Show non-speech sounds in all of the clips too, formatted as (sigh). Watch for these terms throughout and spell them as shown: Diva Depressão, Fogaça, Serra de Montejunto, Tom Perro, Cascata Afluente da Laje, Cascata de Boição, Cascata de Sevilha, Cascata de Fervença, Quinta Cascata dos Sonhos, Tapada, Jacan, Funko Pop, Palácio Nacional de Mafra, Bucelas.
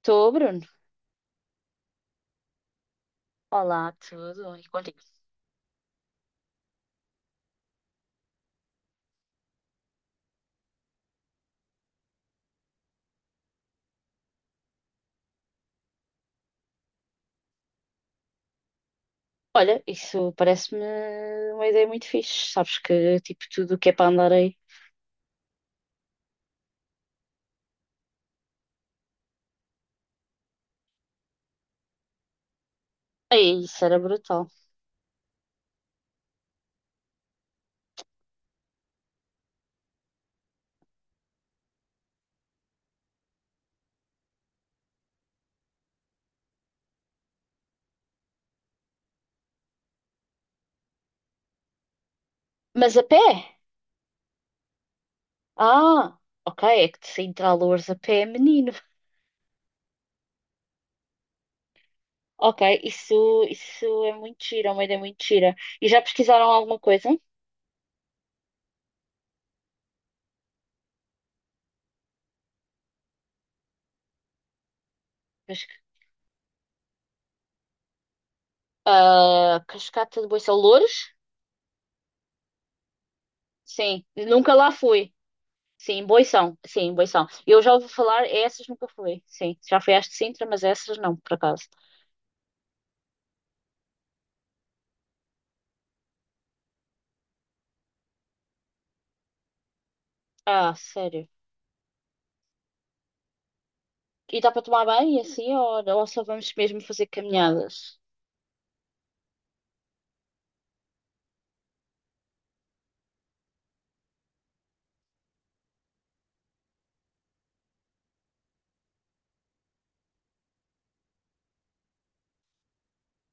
Estou, Bruno. Olá, tudo e contigo. Olha, isso parece-me uma ideia muito fixe. Sabes que, tipo, tudo o que é para andar aí. Aí, isso era brutal. Mas a pé? Ah, ok, é que de Sintra a Loures a pé é menino. Ok, isso é muito gira, é uma ideia muito gira. E já pesquisaram alguma coisa? Cas- Cascata de Boição Loures? Sim, nunca lá fui. Sim, Boição. Sim, Boição. Eu já ouvi falar, essas nunca fui. Sim, já fui às de Sintra, mas essas não, por acaso. Ah, sério. E dá para tomar banho assim, ou só vamos mesmo fazer caminhadas?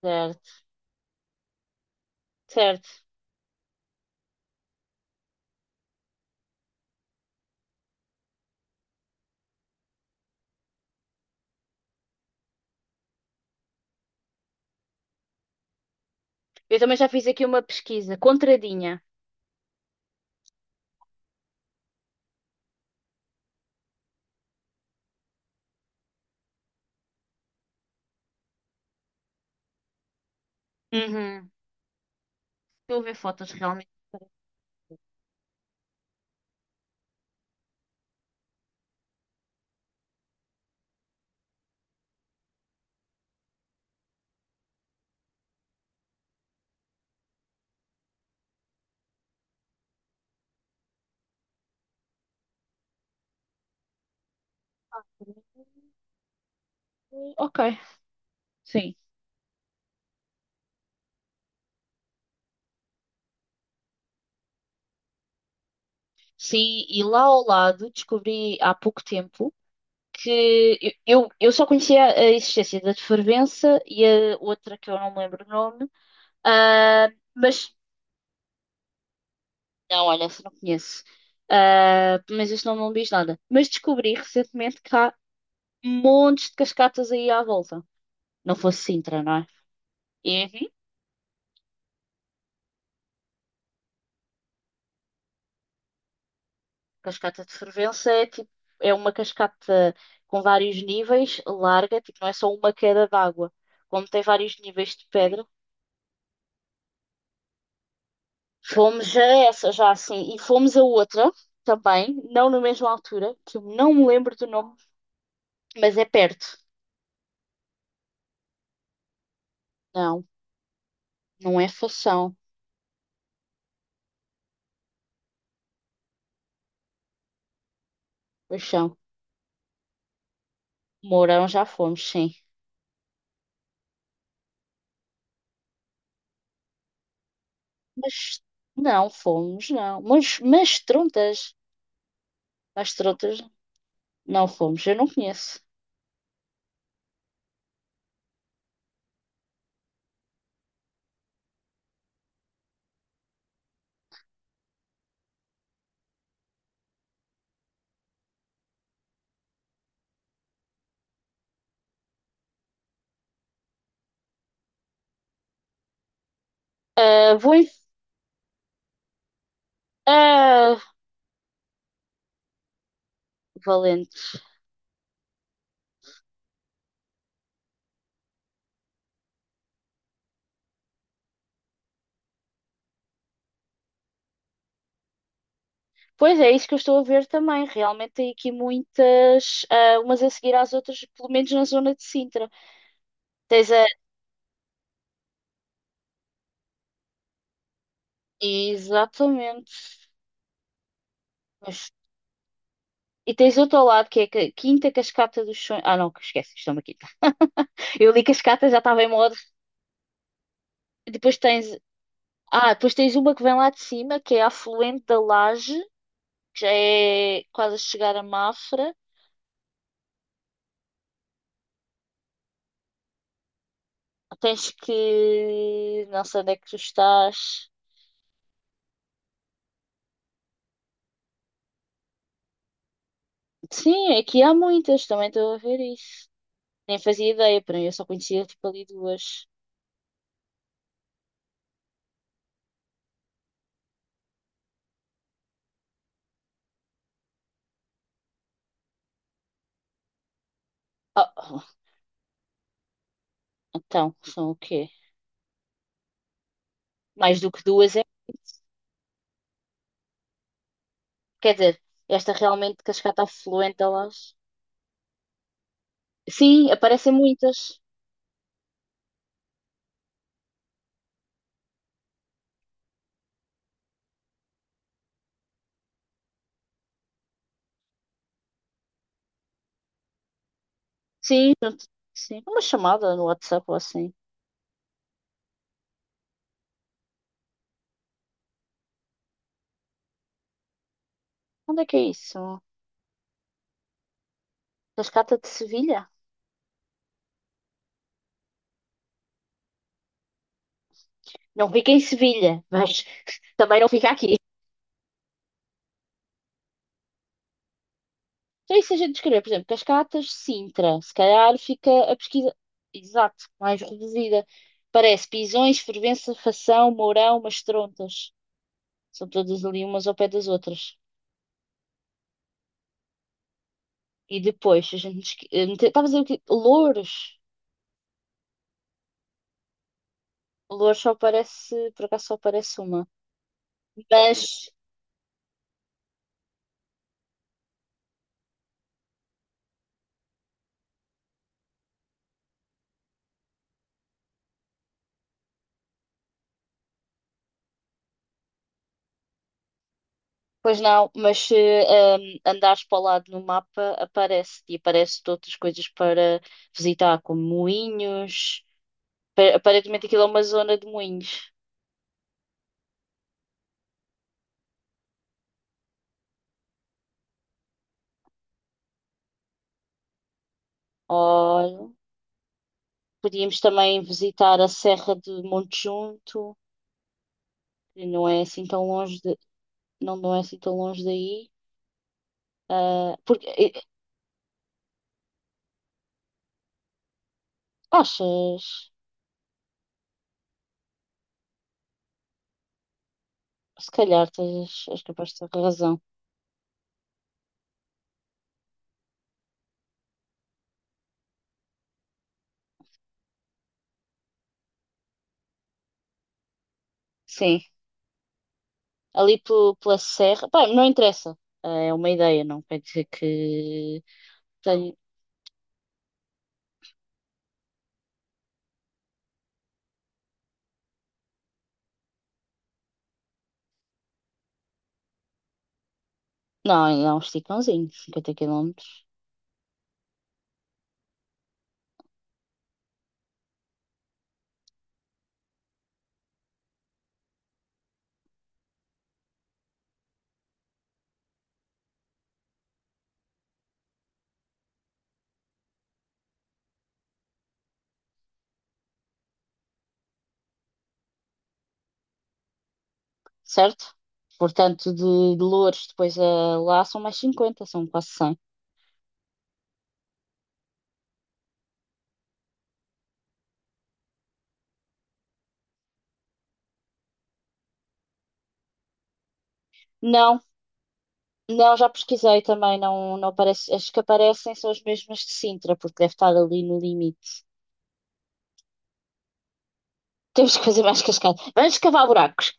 Certo, certo. Eu também já fiz aqui uma pesquisa, contradinha. Uhum. Estou a ver fotos realmente. Ok, sim. Sim, e lá ao lado descobri há pouco tempo que eu só conhecia a existência da de Fervença e a outra que eu não me lembro o nome, ah, mas não, olha, essa não conheço. Ah, mas este nome não me diz nada. Mas descobri recentemente que há montes de cascatas aí à volta. Não fosse Sintra, não é? E enfim, cascata de Fervença é tipo, é uma cascata com vários níveis, larga, tipo, não é só uma queda d'água. Como tem vários níveis de pedra, fomos a essa já assim, e fomos a outra também, não na mesma altura, que eu não me lembro do nome, mas é perto. Não, não é Fação, Fação. Mourão já fomos, sim. Mas não fomos, não. Mas Trontas não fomos, eu não conheço. Ah, vou em... ah, Valente. Pois é, é isso que eu estou a ver também. Realmente tem aqui muitas, umas a seguir às outras, pelo menos na zona de Sintra. Tens a... Exatamente. Mas- E tens outro ao lado, que é a Quinta Cascata dos Sonhos. Ah, não, esquece, isto é uma quinta. Eu li Cascata, já estava em modo. Depois tens... Depois tens uma que vem lá de cima, que é a afluente da Laje, que já é quase a chegar a Mafra. Tens que. Não sei onde é que tu estás. Sim, aqui há muitas, também estou a ver isso. Nem fazia ideia, para mim eu só conhecia tipo ali duas. Ah, então, são o quê? Mais do que duas é muito. Quer dizer, esta realmente de Cascata Afluente, elas. Sim, aparecem muitas. Sim, sim. Uma chamada no WhatsApp ou assim. Onde é que é isso? Cascata de Sevilha? Não fica em Sevilha, mas (laughs) também não fica aqui. Então, e se a gente escrever, por exemplo, Cascatas, Sintra, se calhar fica a pesquisa, exato, mais reduzida. Parece Pisões, Fervença, Fação, Mourão, Mastrontas. São todas ali umas ao pé das outras. E depois, a gente. Esque- eh, mete- Estava a dizer o quê? Louros. Louros só aparece, por acaso só aparece uma. Mas, Pois não, mas se andares para o lado no mapa, aparece. E aparece outras coisas para visitar, como moinhos. Aparentemente aquilo é uma zona de moinhos. Olha, podíamos também visitar a Serra de Montejunto, que não é assim tão longe de, não, não é assim tão longe daí. Ah, porque achas, se calhar tens, és capaz de ter razão. Sim, ali pela serra, pá, não interessa. Ah, é uma ideia, não quer dizer que tenho. Não, ainda é um esticãozinho, 50 km, certo? Portanto, de Loures depois a lá são mais 50, são quase 100. Não, não, já pesquisei também, não, não aparece. As que aparecem são as mesmas de Sintra, porque deve estar ali no limite. (laughs) Temos que fazer mais cascada. Vamos cavar buracos.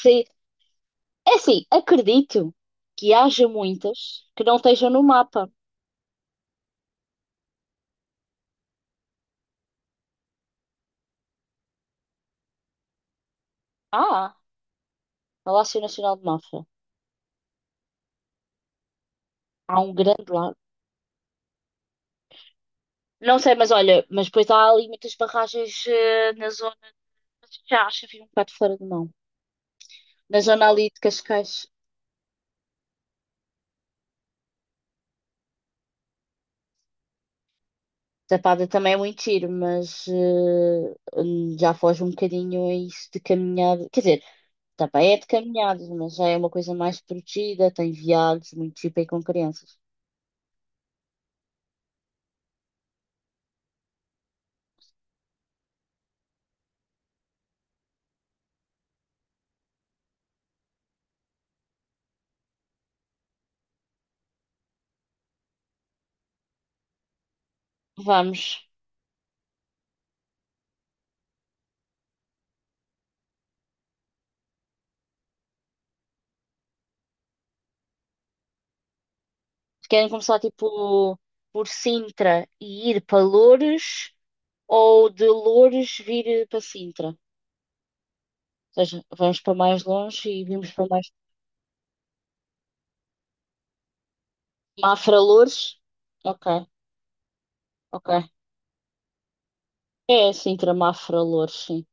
Sim. É assim, acredito que haja muitas que não estejam no mapa. Ah, Palácio Nacional de Mafra. Há um grande lago. Não sei, mas olha, mas depois há ali muitas barragens na zona. Já acho que fica um bocado fora de mão. Na zona ali de Cascais. Tapada também é muito tiro, mas já foge um bocadinho a isso de caminhada. Quer dizer, tapa é de caminhadas, mas já é uma coisa mais protegida, tem viados, muito tipo aí com crianças. Vamos. Querem começar tipo por Sintra e ir para Loures ou de Loures vir para Sintra? Ou seja, vamos para mais longe e vimos para mais. Mafra Loures? Ok, ok. É Sintra, Mafra Loures, sim.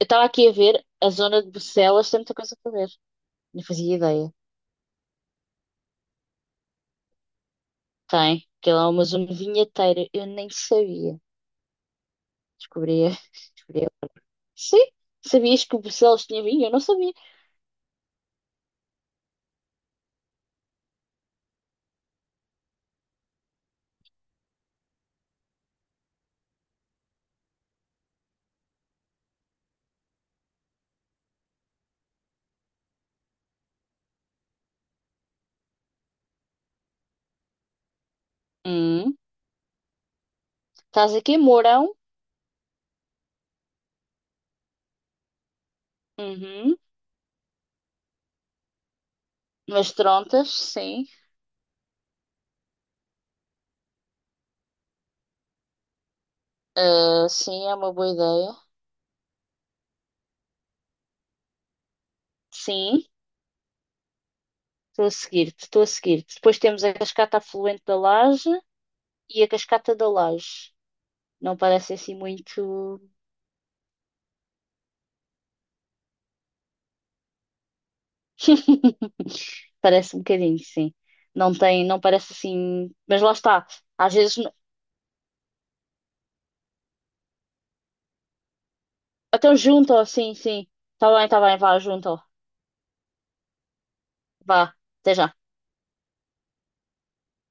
Eu estava aqui a ver a zona de Bucelas, tem muita coisa para ver. Não fazia ideia. Tem, que lá é uma zona vinheteira. Eu nem sabia. Descobri. (laughs) Descobri. Sim, sabias que o Bucelas tinha vinho? Eu não sabia. Hum, Estás aqui em Mourão? Uhum. Mas Trontas, sim. Ah, sim, é uma boa ideia. Sim, estou a seguir-te, estou a seguir-te. Depois temos a cascata afluente da Laje e a cascata da Laje. Não parece assim muito. (laughs) Parece um bocadinho, sim. Não tem, não parece assim. Mas lá está. Às vezes. Então junto, sim, sim. Tá bem, vá, junto. Vá, até já.